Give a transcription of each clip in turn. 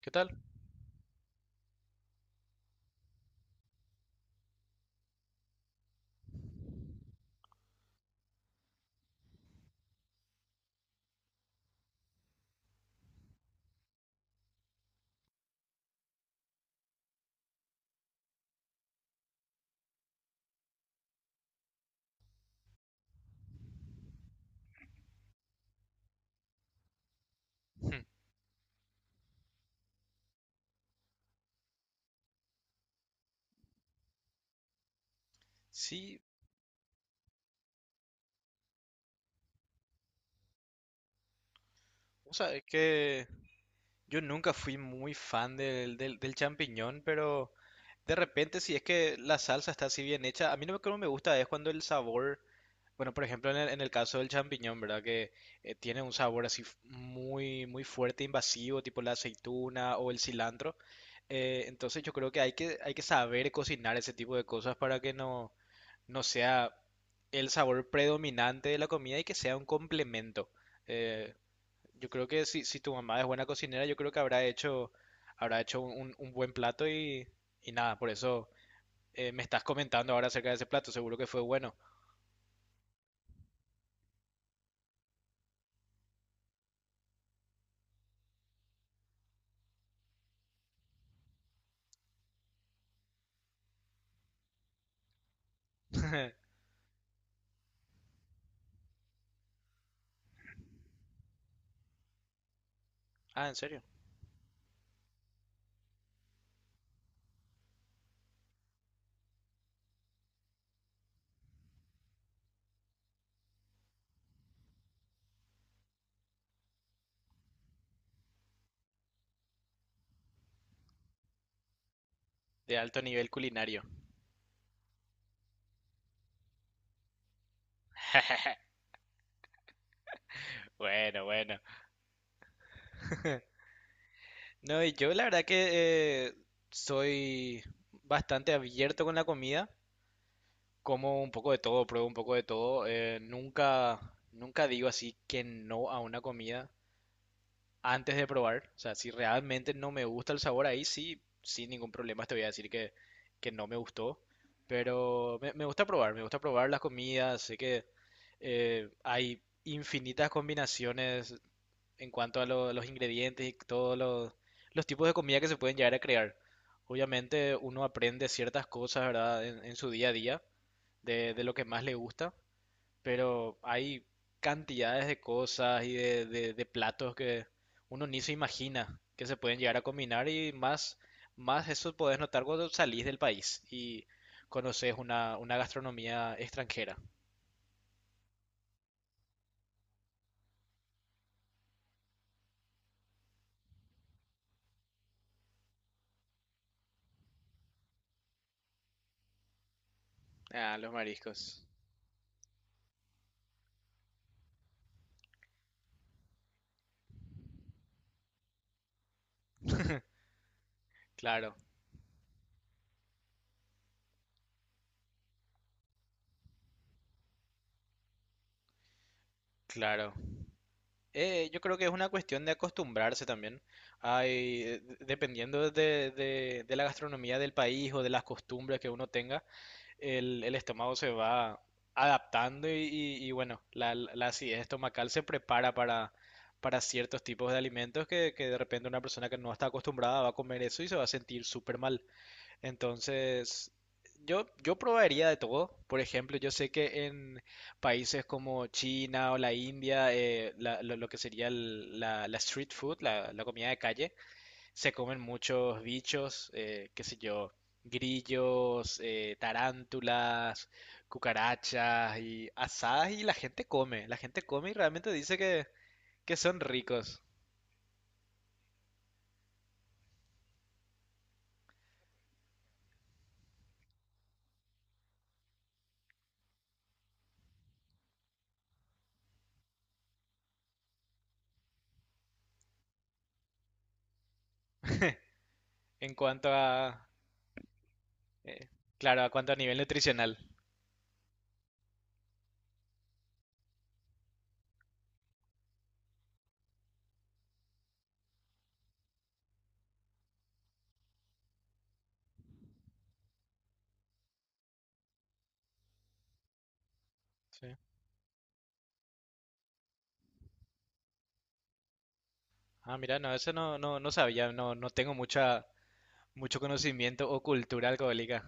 ¿Qué tal? Hmm, sí, o sea, es que yo nunca fui muy fan del champiñón, pero de repente, si es que la salsa está así bien hecha, a mí lo que no me gusta es cuando el sabor, bueno, por ejemplo, en el caso del champiñón, ¿verdad? Que tiene un sabor así muy, muy fuerte, invasivo, tipo la aceituna o el cilantro. Entonces yo creo que hay que saber cocinar ese tipo de cosas para que no sea el sabor predominante de la comida y que sea un complemento. Eh, yo creo que si tu mamá es buena cocinera, yo creo que habrá hecho un buen plato y, nada, por eso me estás comentando ahora acerca de ese plato, seguro que fue bueno. Ah, ¿en serio? De alto nivel culinario. Bueno, bueno. No, y yo la verdad que soy bastante abierto con la comida, como un poco de todo, pruebo un poco de todo, nunca digo así que no a una comida antes de probar. O sea, si realmente no me gusta el sabor, ahí sí, sin ningún problema te voy a decir que no me gustó. Pero me gusta probar las comidas. Sé que hay infinitas combinaciones en cuanto a los ingredientes y todos los tipos de comida que se pueden llegar a crear. Obviamente uno aprende ciertas cosas, ¿verdad? En su día a día de lo que más le gusta, pero hay cantidades de cosas y de platos que uno ni se imagina que se pueden llegar a combinar y más eso podés notar cuando salís del país y conoces una gastronomía extranjera. Ah, los mariscos. Claro, claro. Yo creo que es una cuestión de acostumbrarse también. Hay, dependiendo de, de la gastronomía del país o de las costumbres que uno tenga, el estómago se va adaptando y, y bueno, la acidez estomacal se prepara para, ciertos tipos de alimentos que, de repente una persona que no está acostumbrada va a comer eso y se va a sentir súper mal. Entonces, yo probaría de todo. Por ejemplo, yo sé que en países como China o la India, lo que sería la street food, la comida de calle, se comen muchos bichos, qué sé yo, grillos, tarántulas, cucarachas y asadas y la gente come y realmente dice que, son ricos en cuanto a, eh, claro, a cuanto a nivel nutricional. Sí. Ah, mira, no, eso no, no, no sabía, no, no tengo mucho conocimiento o cultura alcohólica.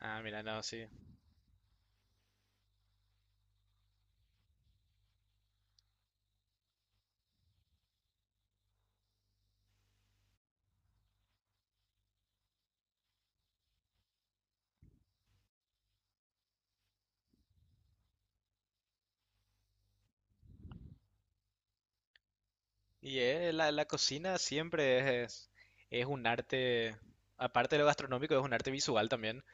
Ah, mira, no, sí. Y la cocina siempre es un arte, aparte de lo gastronómico, es un arte visual también,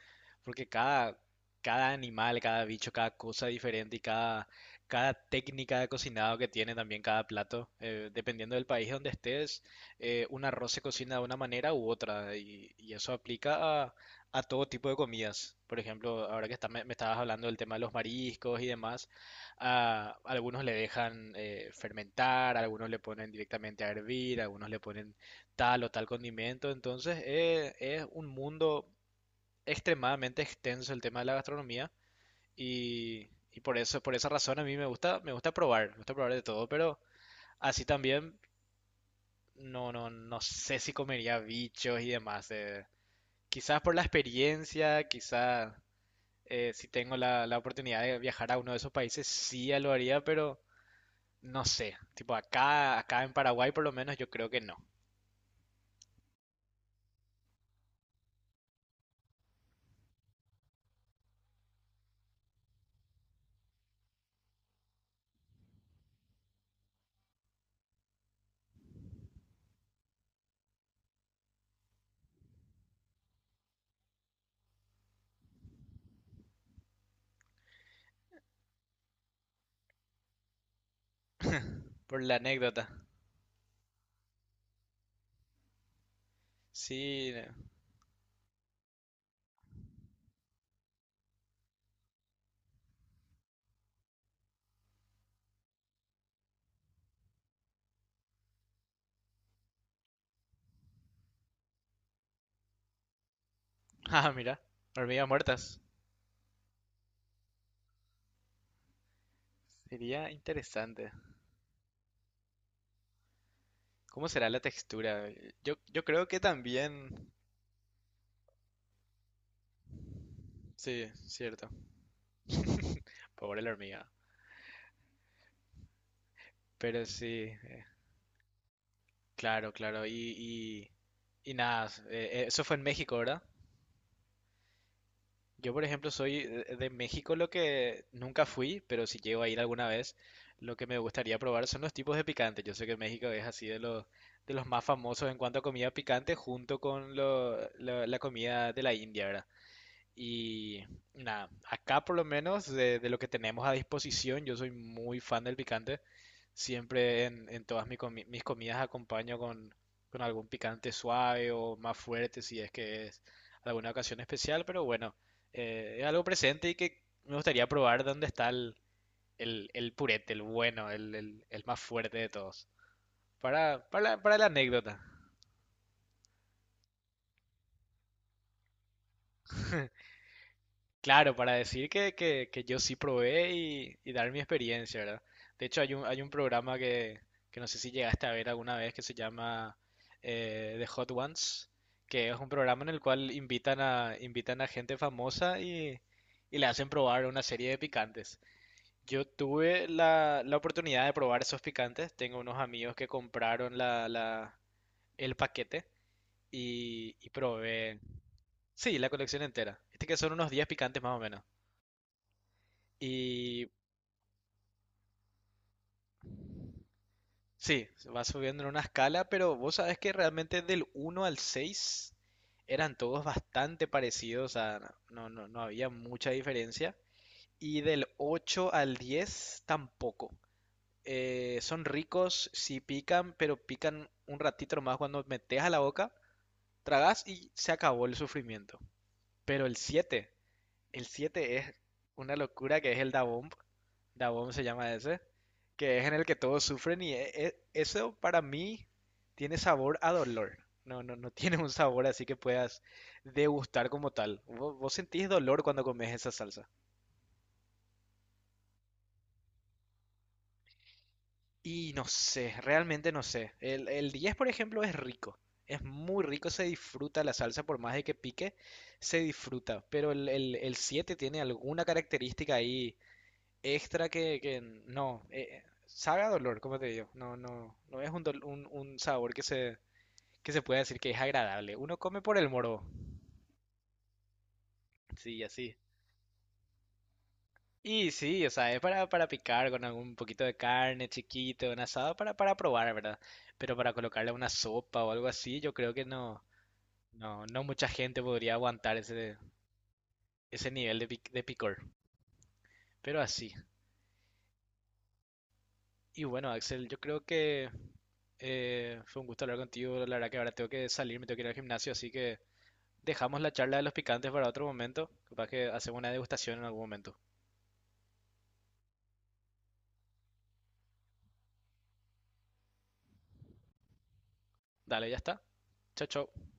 porque cada animal, cada bicho, cada cosa diferente y cada técnica de cocinado que tiene también cada plato, dependiendo del país donde estés, un arroz se cocina de una manera u otra, y, eso aplica a, todo tipo de comidas. Por ejemplo, ahora que me estabas hablando del tema de los mariscos y demás, algunos le dejan fermentar, algunos le ponen directamente a hervir, algunos le ponen tal o tal condimento. Entonces es un mundo extremadamente extenso el tema de la gastronomía y, por eso, por esa razón a mí me gusta probar de todo, pero así también no, no, no sé si comería bichos y demás. Quizás por la experiencia, quizás si tengo la oportunidad de viajar a uno de esos países, sí ya lo haría, pero no sé, tipo acá, acá en Paraguay por lo menos yo creo que no, por la anécdota. Sí, no. Ah, mira, hormigas muertas. Sería interesante. ¿Cómo será la textura? Yo creo que también, sí, cierto. Pobre la hormiga. Pero sí, claro, claro. Y, y nada, eso fue en México, ¿verdad? Yo, por ejemplo, soy de México, lo que nunca fui, pero si llego a ir alguna vez, lo que me gustaría probar son los tipos de picante. Yo sé que México es así de los, más famosos en cuanto a comida picante, junto con la comida de la India, ¿verdad? Y nada, acá por lo menos de lo que tenemos a disposición, yo soy muy fan del picante. Siempre en todas mis comidas acompaño con algún picante suave o más fuerte si es que es alguna ocasión especial, pero bueno, es algo presente y que me gustaría probar dónde está el purete, el bueno, el más fuerte de todos, para la anécdota. Claro, para decir que, que yo sí probé y, dar mi experiencia, ¿verdad? De hecho, hay un, programa que, no sé si llegaste a ver alguna vez que se llama The Hot Ones, que es un programa en el cual invitan a gente famosa y, le hacen probar una serie de picantes. Yo tuve la oportunidad de probar esos picantes. Tengo unos amigos que compraron el paquete y, probé. Sí, la colección entera. Este que son unos 10 picantes más o menos. Y sí, va subiendo en una escala, pero vos sabés que realmente del uno al 6 eran todos bastante parecidos, o sea, no, no, no había mucha diferencia. Y del 8 al 10 tampoco. Son ricos, sí pican, pero pican un ratito más cuando metes a la boca, tragas y se acabó el sufrimiento. Pero el 7 El siete es una locura que es el Da Bomb. Da Bomb se llama ese. Que es en el que todos sufren y eso para mí tiene sabor a dolor. No, no, no tiene un sabor así que puedas degustar como tal. Vos, sentís dolor cuando comes esa salsa. Y no sé, realmente no sé. El 10, por ejemplo, es rico. Es muy rico, se disfruta la salsa, por más de que pique, se disfruta. Pero el 7 tiene alguna característica ahí extra que, no, sabe a dolor, como te digo, no, no, no es un sabor que se, puede decir que es agradable, uno come por el morbo, sí, así. Y sí, o sea, es para picar con algún poquito de carne chiquito, un asado, para probar, ¿verdad? Pero para colocarle a una sopa o algo así, yo creo que no, no, no mucha gente podría aguantar ese nivel de picor. Pero así. Y bueno, Axel, yo creo que fue un gusto hablar contigo. La verdad que ahora tengo que salir, me tengo que ir al gimnasio, así que dejamos la charla de los picantes para otro momento. Capaz que hacemos una degustación en algún momento. Dale, ya está. Chao, chao.